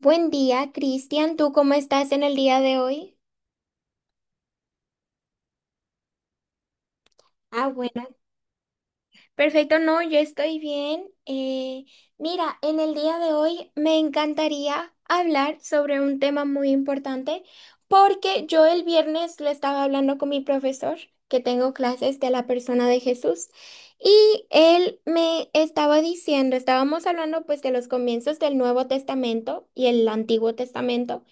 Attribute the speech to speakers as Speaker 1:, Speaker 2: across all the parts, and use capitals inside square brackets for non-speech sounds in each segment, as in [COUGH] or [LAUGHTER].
Speaker 1: Buen día, Cristian. ¿Tú cómo estás en el día de hoy? Ah, bueno. Perfecto, no, yo estoy bien. Mira, en el día de hoy me encantaría hablar sobre un tema muy importante porque yo el viernes le estaba hablando con mi profesor, que tengo clases de la persona de Jesús, y él me estaba diciendo, estábamos hablando pues de los comienzos del Nuevo Testamento y el Antiguo Testamento.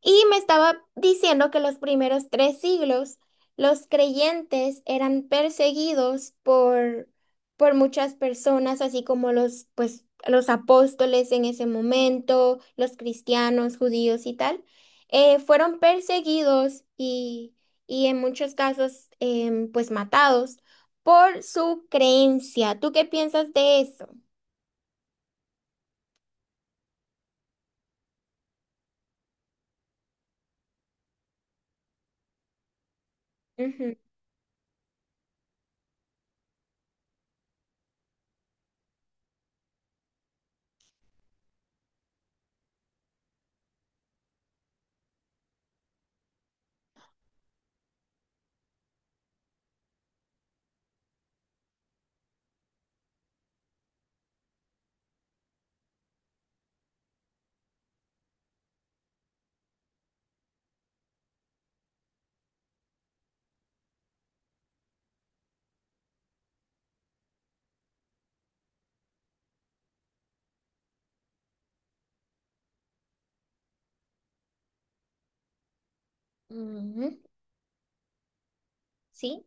Speaker 1: Y me estaba diciendo que los primeros tres siglos los creyentes eran perseguidos por muchas personas, así como los, pues, los apóstoles en ese momento, los cristianos, judíos y tal, fueron perseguidos y en muchos casos pues matados por su creencia. ¿Tú qué piensas de eso? Ujú. Ujú. ¿Sí?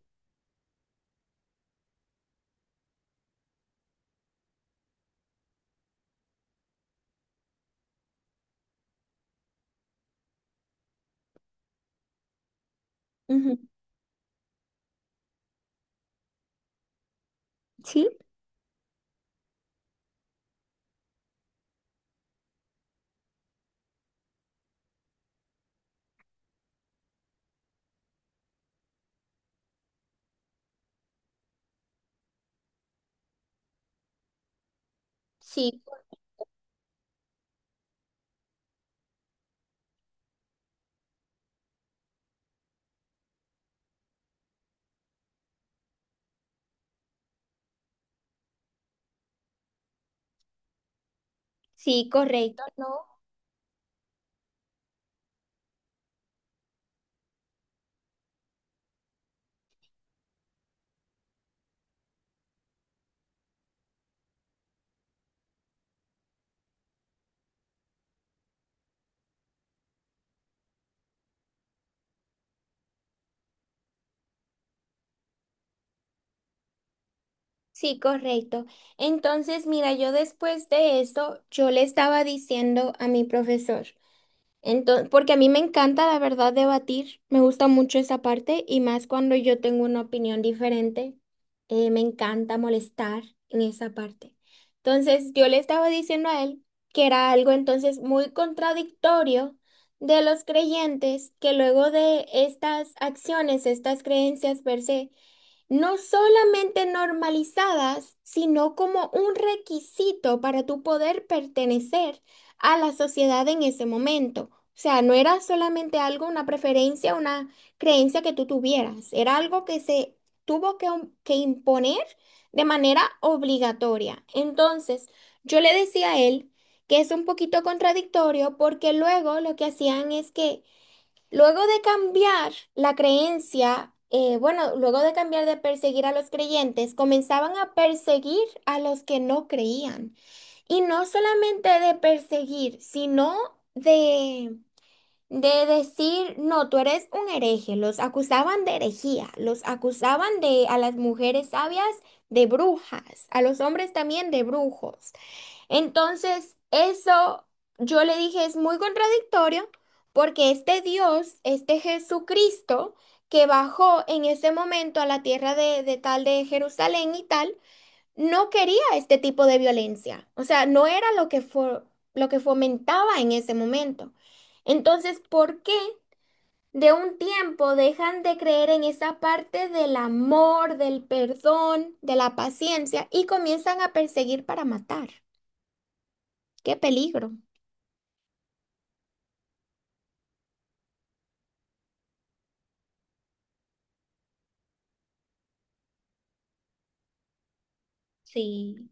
Speaker 1: Ujú. ¿Sí? Sí, sí, correcto, ¿no? Sí, correcto. Entonces, mira, yo después de eso, yo le estaba diciendo a mi profesor, entonces, porque a mí me encanta, la verdad, debatir, me gusta mucho esa parte y más cuando yo tengo una opinión diferente, me encanta molestar en esa parte. Entonces, yo le estaba diciendo a él que era algo entonces muy contradictorio de los creyentes que luego de estas acciones, estas creencias per se, no solamente normalizadas, sino como un requisito para tu poder pertenecer a la sociedad en ese momento. O sea, no era solamente algo, una preferencia, una creencia que tú tuvieras, era algo que se tuvo que, que imponer de manera obligatoria. Entonces, yo le decía a él que es un poquito contradictorio porque luego lo que hacían es que luego de cambiar la creencia, bueno, luego de cambiar de perseguir a los creyentes, comenzaban a perseguir a los que no creían. Y no solamente de perseguir, sino de, de decir, no, tú eres un hereje. Los acusaban de herejía, los acusaban de a las mujeres sabias de brujas, a los hombres también de brujos. Entonces, eso yo le dije es muy contradictorio porque este Dios, este Jesucristo que bajó en ese momento a la tierra de tal de Jerusalén y tal, no quería este tipo de violencia. O sea, no era lo que fomentaba en ese momento. Entonces, ¿por qué de un tiempo dejan de creer en esa parte del amor, del perdón, de la paciencia y comienzan a perseguir para matar? ¡Qué peligro! Sí.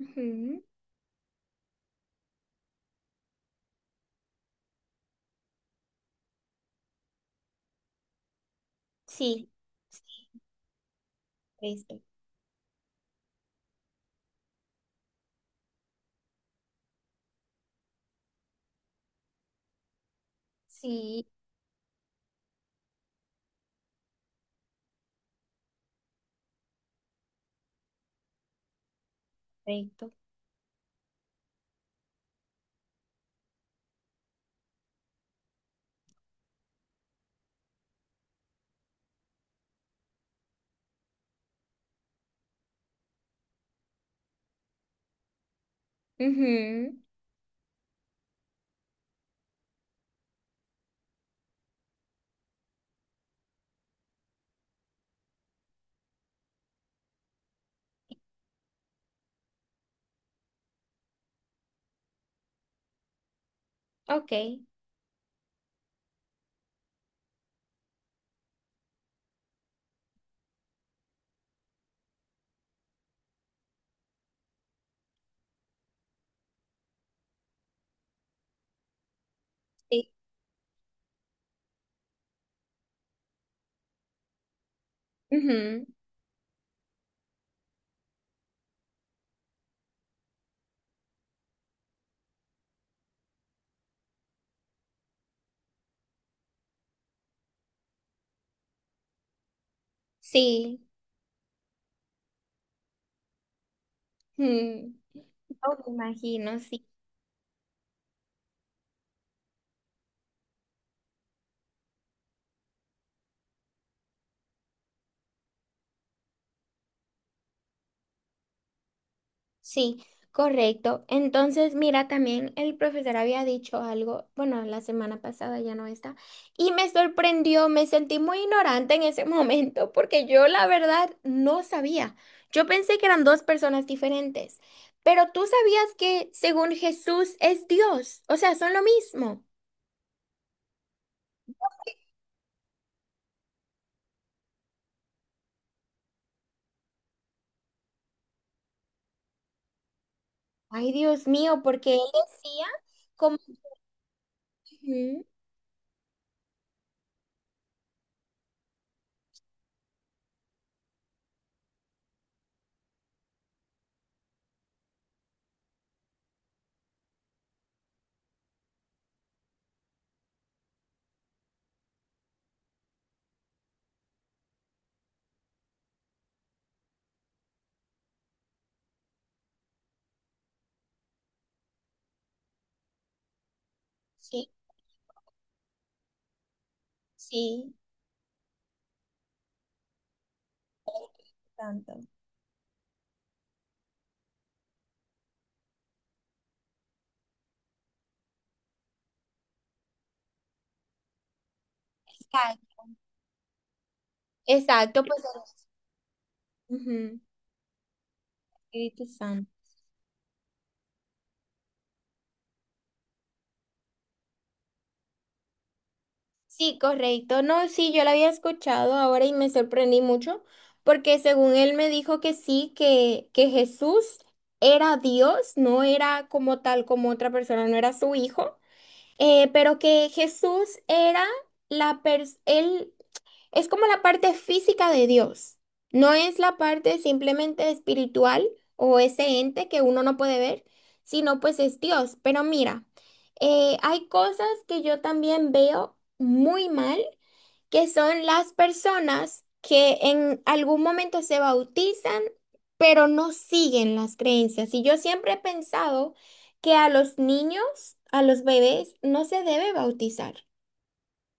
Speaker 1: Ujú. Sí, listo. Sí. Perfecto. Ujú. Ok. Sí. Ujú. Sí. Ujú. No me imagino, sí. Sí, correcto. Entonces, mira, también el profesor había dicho algo, bueno, la semana pasada ya no está, y me sorprendió, me sentí muy ignorante en ese [LAUGHS] momento, porque yo la verdad no sabía. Yo pensé que eran dos personas diferentes, pero tú sabías que según Jesús es Dios, o sea, son lo mismo. Ay, Dios mío, porque él decía como... Ujú. Sí, sí. Espíritu Santo. Exacto, exacto, pues... Ujú. Espíritu Santo. Sí, correcto. No, sí, yo la había escuchado ahora y me sorprendí mucho porque según él me dijo que sí, que Jesús era Dios, no era como tal, como otra persona, no era su hijo, pero que Jesús era la persona, él es como la parte física de Dios, no es la parte simplemente espiritual o ese ente que uno no puede ver, sino pues es Dios. Pero mira, hay cosas que yo también veo muy mal, que son las personas que en algún momento se bautizan, pero no siguen las creencias. Y yo siempre he pensado que a los niños, a los bebés, no se debe bautizar.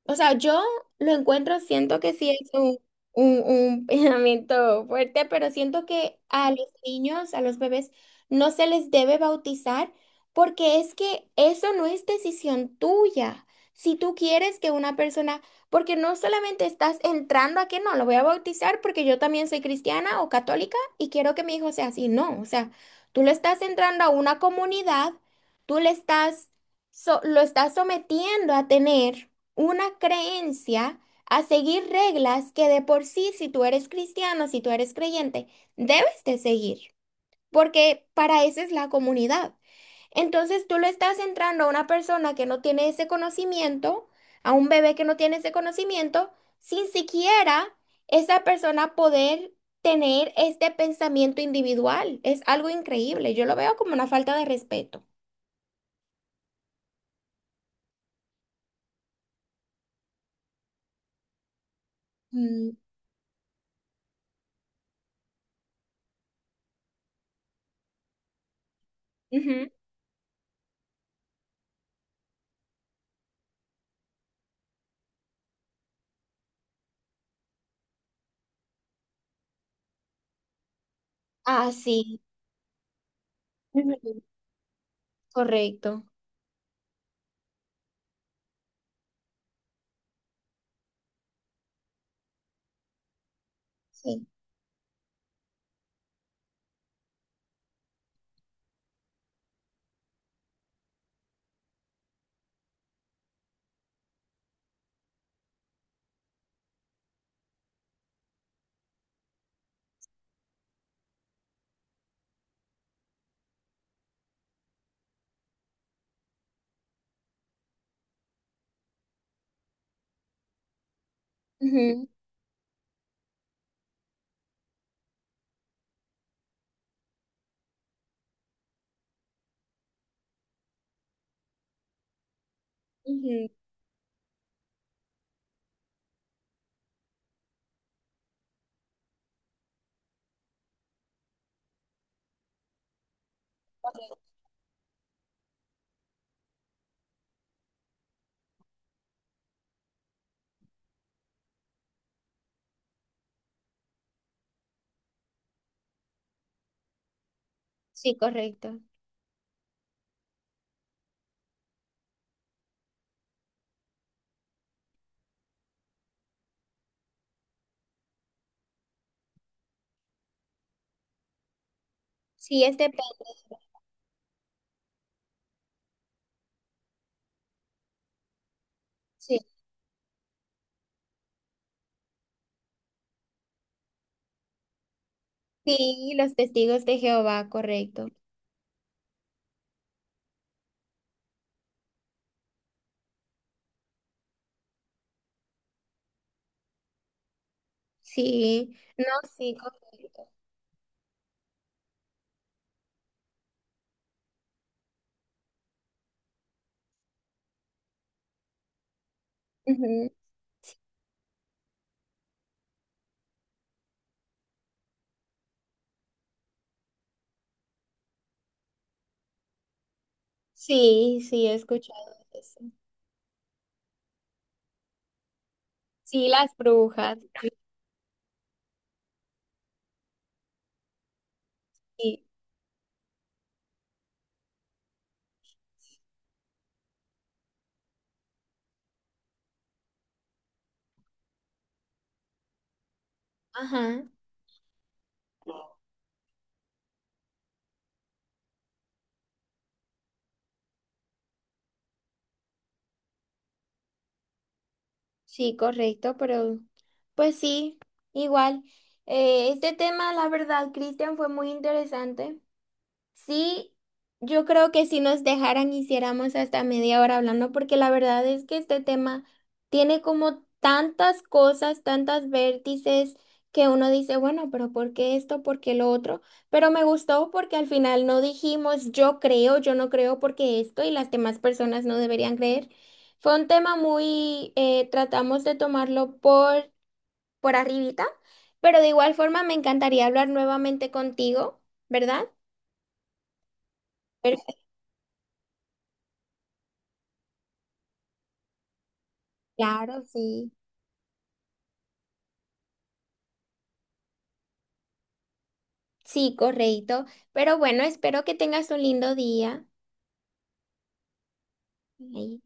Speaker 1: O sea, yo lo encuentro, siento que sí es un [LAUGHS] pensamiento fuerte, pero siento que a los niños, a los bebés, no se les debe bautizar porque es que eso no es decisión tuya. Si tú quieres que una persona, porque no solamente estás entrando a que no, lo voy a bautizar porque yo también soy cristiana o católica y quiero que mi hijo sea así. No, o sea, tú le estás entrando a una comunidad, tú le estás, lo estás sometiendo a tener una creencia a seguir reglas que de por sí, si tú eres cristiano, si tú eres creyente, debes de seguir, porque para eso es la comunidad. Entonces tú le estás entrando a una persona que no tiene ese conocimiento, a un bebé que no tiene ese conocimiento, sin siquiera esa persona poder tener este pensamiento individual. Es algo increíble. Yo lo veo como una falta de respeto. Mm. Ujú. Ah, sí. Ujú. Correcto. Sí. Ujú, ujú. Sí, correcto. Sí, es depende. Sí, sí, los testigos de Jehová, correcto. Sí, no, sí, correcto. Ujú. Sí, sí, he escuchado eso. Sí, las brujas. Sí, ajá, sí, correcto, pero pues sí, igual. Este tema, la verdad, Cristian, fue muy interesante. Sí, yo creo que si nos dejaran hiciéramos hasta media hora hablando, porque la verdad es que este tema tiene como tantas cosas, tantas vértices que uno dice, bueno, pero ¿por qué esto? ¿Por qué lo otro? Pero me gustó porque al final no dijimos yo creo, yo no creo porque esto y las demás personas no deberían creer. Fue un tema muy, tratamos de tomarlo por arribita, pero de igual forma me encantaría hablar nuevamente contigo, ¿verdad? Claro, sí. Sí, correcto. Pero bueno, espero que tengas un lindo día. Ahí.